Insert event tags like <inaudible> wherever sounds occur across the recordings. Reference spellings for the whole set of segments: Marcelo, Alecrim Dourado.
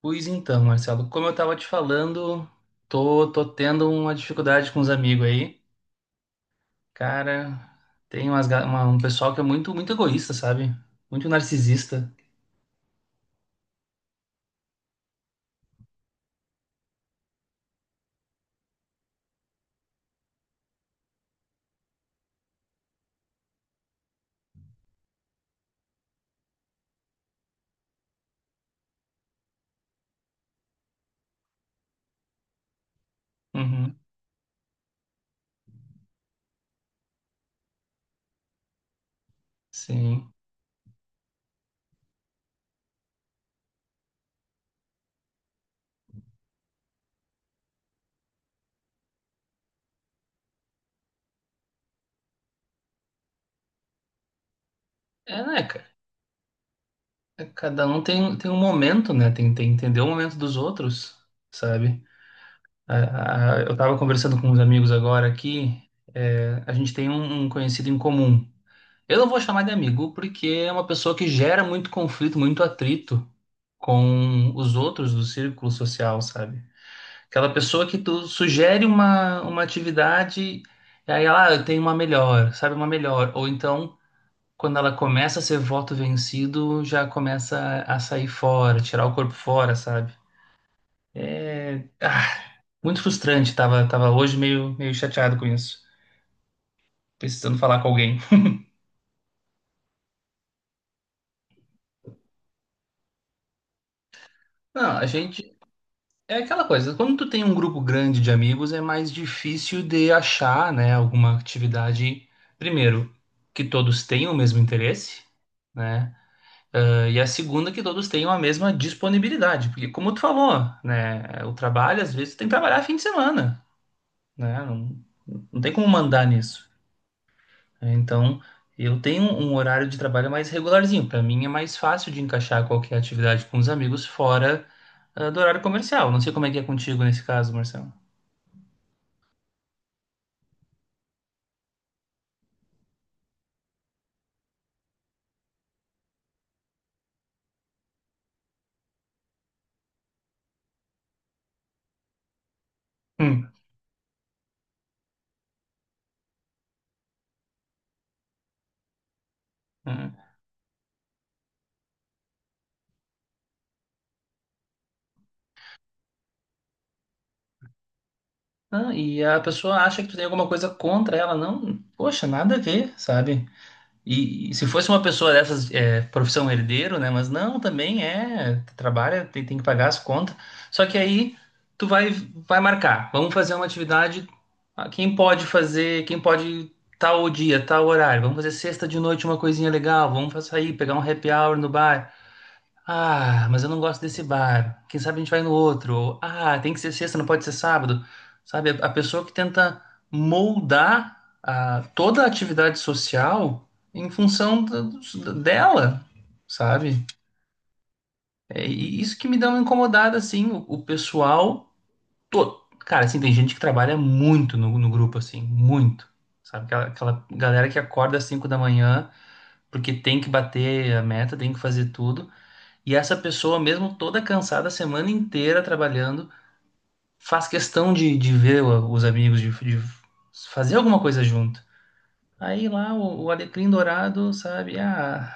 Pois então, Marcelo, como eu tava te falando, tô tendo uma dificuldade com os amigos aí. Cara, tem um pessoal que é muito, muito egoísta, sabe? Muito narcisista. Uhum, sim. É, né, cara? É, cada um tem um momento, né? Tem que entender o momento dos outros, sabe? Eu tava conversando com uns amigos agora aqui. É, a gente tem um conhecido em comum. Eu não vou chamar de amigo porque é uma pessoa que gera muito conflito, muito atrito com os outros do círculo social, sabe? Aquela pessoa que tu sugere uma atividade e aí ela: ah, eu tenho uma melhor, sabe, uma melhor. Ou então, quando ela começa a ser voto vencido, já começa a sair fora, tirar o corpo fora, sabe? É, muito frustrante, tava hoje meio chateado com isso, precisando falar com alguém. Não, a gente. É aquela coisa, quando tu tem um grupo grande de amigos, é mais difícil de achar, né, alguma atividade, primeiro, que todos tenham o mesmo interesse, né? Ah, e a segunda, que todos tenham a mesma disponibilidade, porque como tu falou, né, o trabalho, às vezes, tu tem que trabalhar fim de semana, né? Não, não tem como mandar nisso. Então, eu tenho um horário de trabalho mais regularzinho, para mim é mais fácil de encaixar qualquer atividade com os amigos fora, do horário comercial. Não sei como é que é contigo nesse caso, Marcelo. Hum, hum. Ah, e a pessoa acha que tu tem alguma coisa contra ela, não? Poxa, nada a ver, sabe? E se fosse uma pessoa dessas, é, profissão herdeiro, né? Mas não, também é, trabalha, tem que pagar as contas. Só que aí tu vai marcar, vamos fazer uma atividade. Quem pode fazer, quem pode tal dia, tal horário, vamos fazer sexta de noite uma coisinha legal, vamos sair, pegar um happy hour no bar. Ah, mas eu não gosto desse bar. Quem sabe a gente vai no outro. Ou, tem que ser sexta, não pode ser sábado. Sabe, a pessoa que tenta moldar toda a atividade social em função dela, sabe? É, e isso que me dá uma incomodada, assim, o pessoal todo. Cara, assim, tem gente que trabalha muito no grupo, assim, muito. Sabe, aquela galera que acorda às 5 da manhã porque tem que bater a meta, tem que fazer tudo. E essa pessoa, mesmo toda cansada, a semana inteira trabalhando, faz questão de ver os amigos, de fazer alguma coisa junto. Aí lá o Alecrim Dourado, sabe? Ah,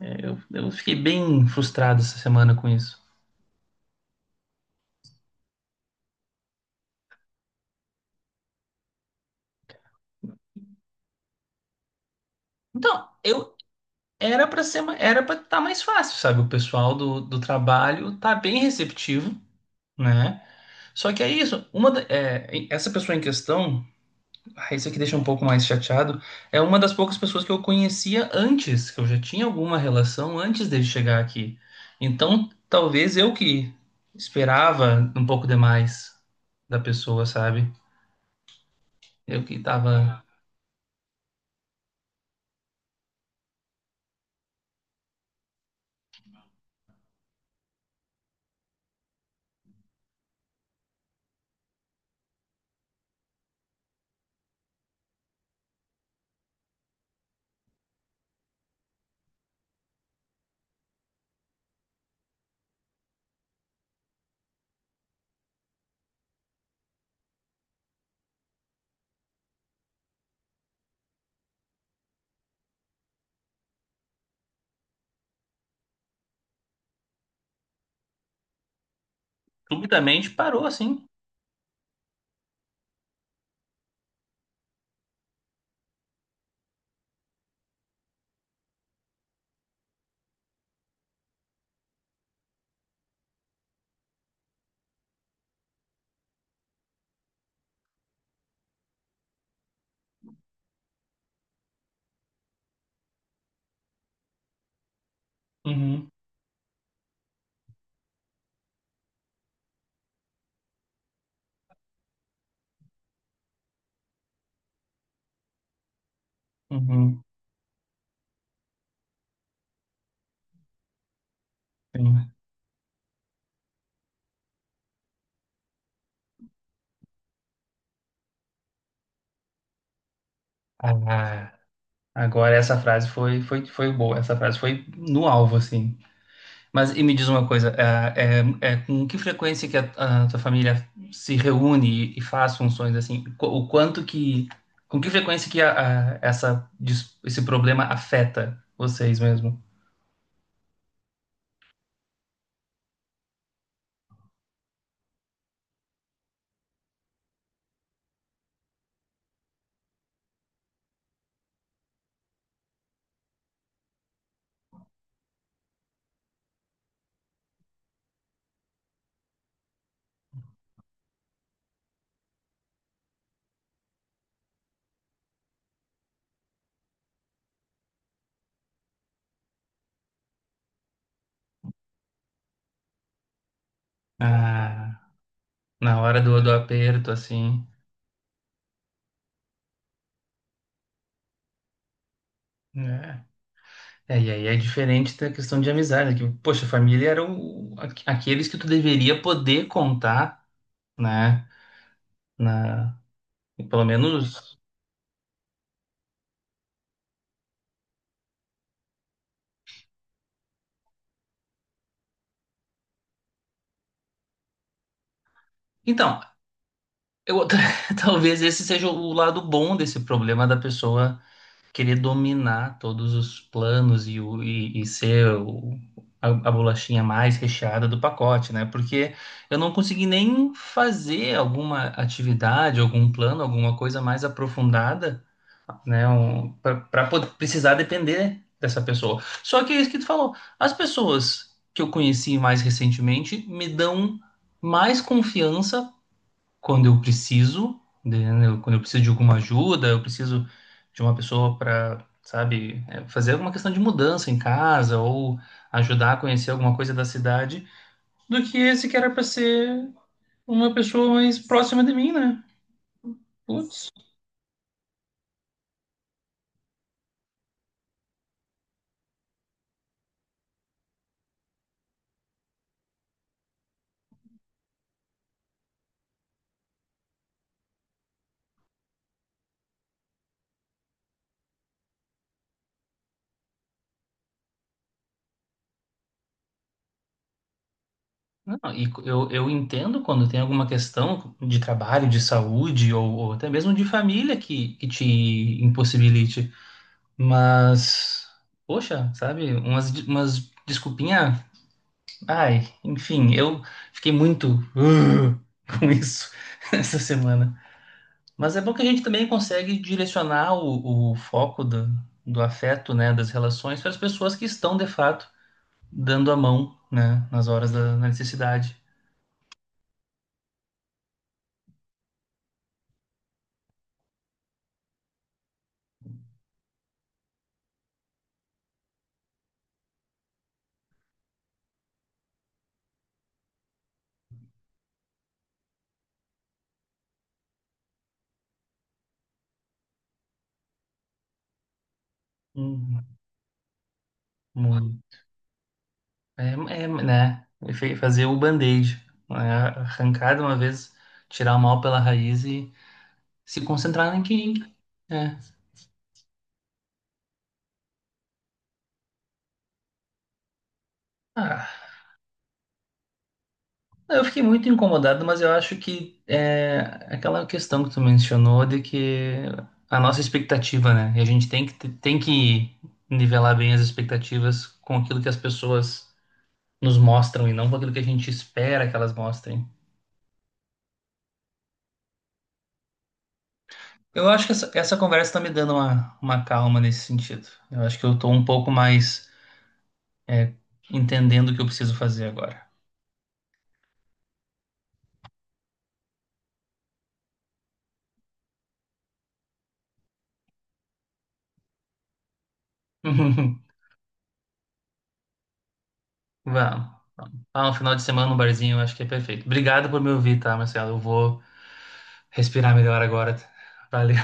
eu fiquei bem frustrado essa semana com isso. Então, eu era para estar mais fácil, sabe? O pessoal do trabalho tá bem receptivo, né? Só que é isso, essa pessoa em questão. Ah, isso aqui deixa um pouco mais chateado. É uma das poucas pessoas que eu conhecia antes, que eu já tinha alguma relação antes dele chegar aqui. Então, talvez eu que esperava um pouco demais da pessoa, sabe? Eu que tava subitamente parou assim. Uhum, uhum, sim. Ah, agora essa frase foi, boa. Essa frase foi no alvo, assim. Mas e me diz uma coisa, com que frequência que a tua família se reúne e faz funções assim? O quanto que, com que frequência que esse problema afeta vocês mesmo? Ah, na hora do aperto, assim. Né? É, e aí é diferente da questão de amizade, que, poxa, a família eram aqueles que tu deveria poder contar, né? Na, Pelo menos. Então, Eu, <laughs> talvez esse seja o lado bom desse problema da pessoa querer dominar todos os planos e ser a bolachinha mais recheada do pacote, né? Porque eu não consegui nem fazer alguma atividade, algum plano, alguma coisa mais aprofundada, né? Para precisar depender dessa pessoa. Só que é isso que tu falou. As pessoas que eu conheci mais recentemente me dão mais confiança quando eu preciso, né, quando eu preciso de alguma ajuda, eu preciso de uma pessoa para, sabe, fazer alguma questão de mudança em casa ou ajudar a conhecer alguma coisa da cidade, do que esse que era para ser uma pessoa mais próxima de mim, né? Putz, não, e eu entendo quando tem alguma questão de trabalho, de saúde ou até mesmo de família que te impossibilite, mas, poxa, sabe, umas desculpinhas. Ai, enfim, eu fiquei muito "Ugh", com isso <laughs> essa semana. Mas é bom que a gente também consegue direcionar o foco do afeto, né, das relações para as pessoas que estão, de fato, dando a mão, né, nas horas da necessidade. Hum, hum. é, Fazer o band-aid, né, arrancar de uma vez, tirar o mal pela raiz e se concentrar em quem. É. Ah. Eu fiquei muito incomodado, mas eu acho que é aquela questão que tu mencionou de que a nossa expectativa, né? E a gente tem que nivelar bem as expectativas com aquilo que as pessoas nos mostram e não com aquilo que a gente espera que elas mostrem. Eu acho que essa conversa está me dando uma calma nesse sentido. Eu acho que eu tô um pouco mais é, entendendo o que eu preciso fazer agora. <laughs> Vamos. Ah, um final de semana no barzinho, eu acho que é perfeito. Obrigado por me ouvir, tá, Marcelo? Eu vou. Respirar melhor agora. Valeu.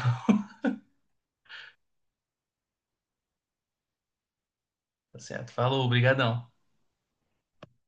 Tá certo. Falou, obrigadão.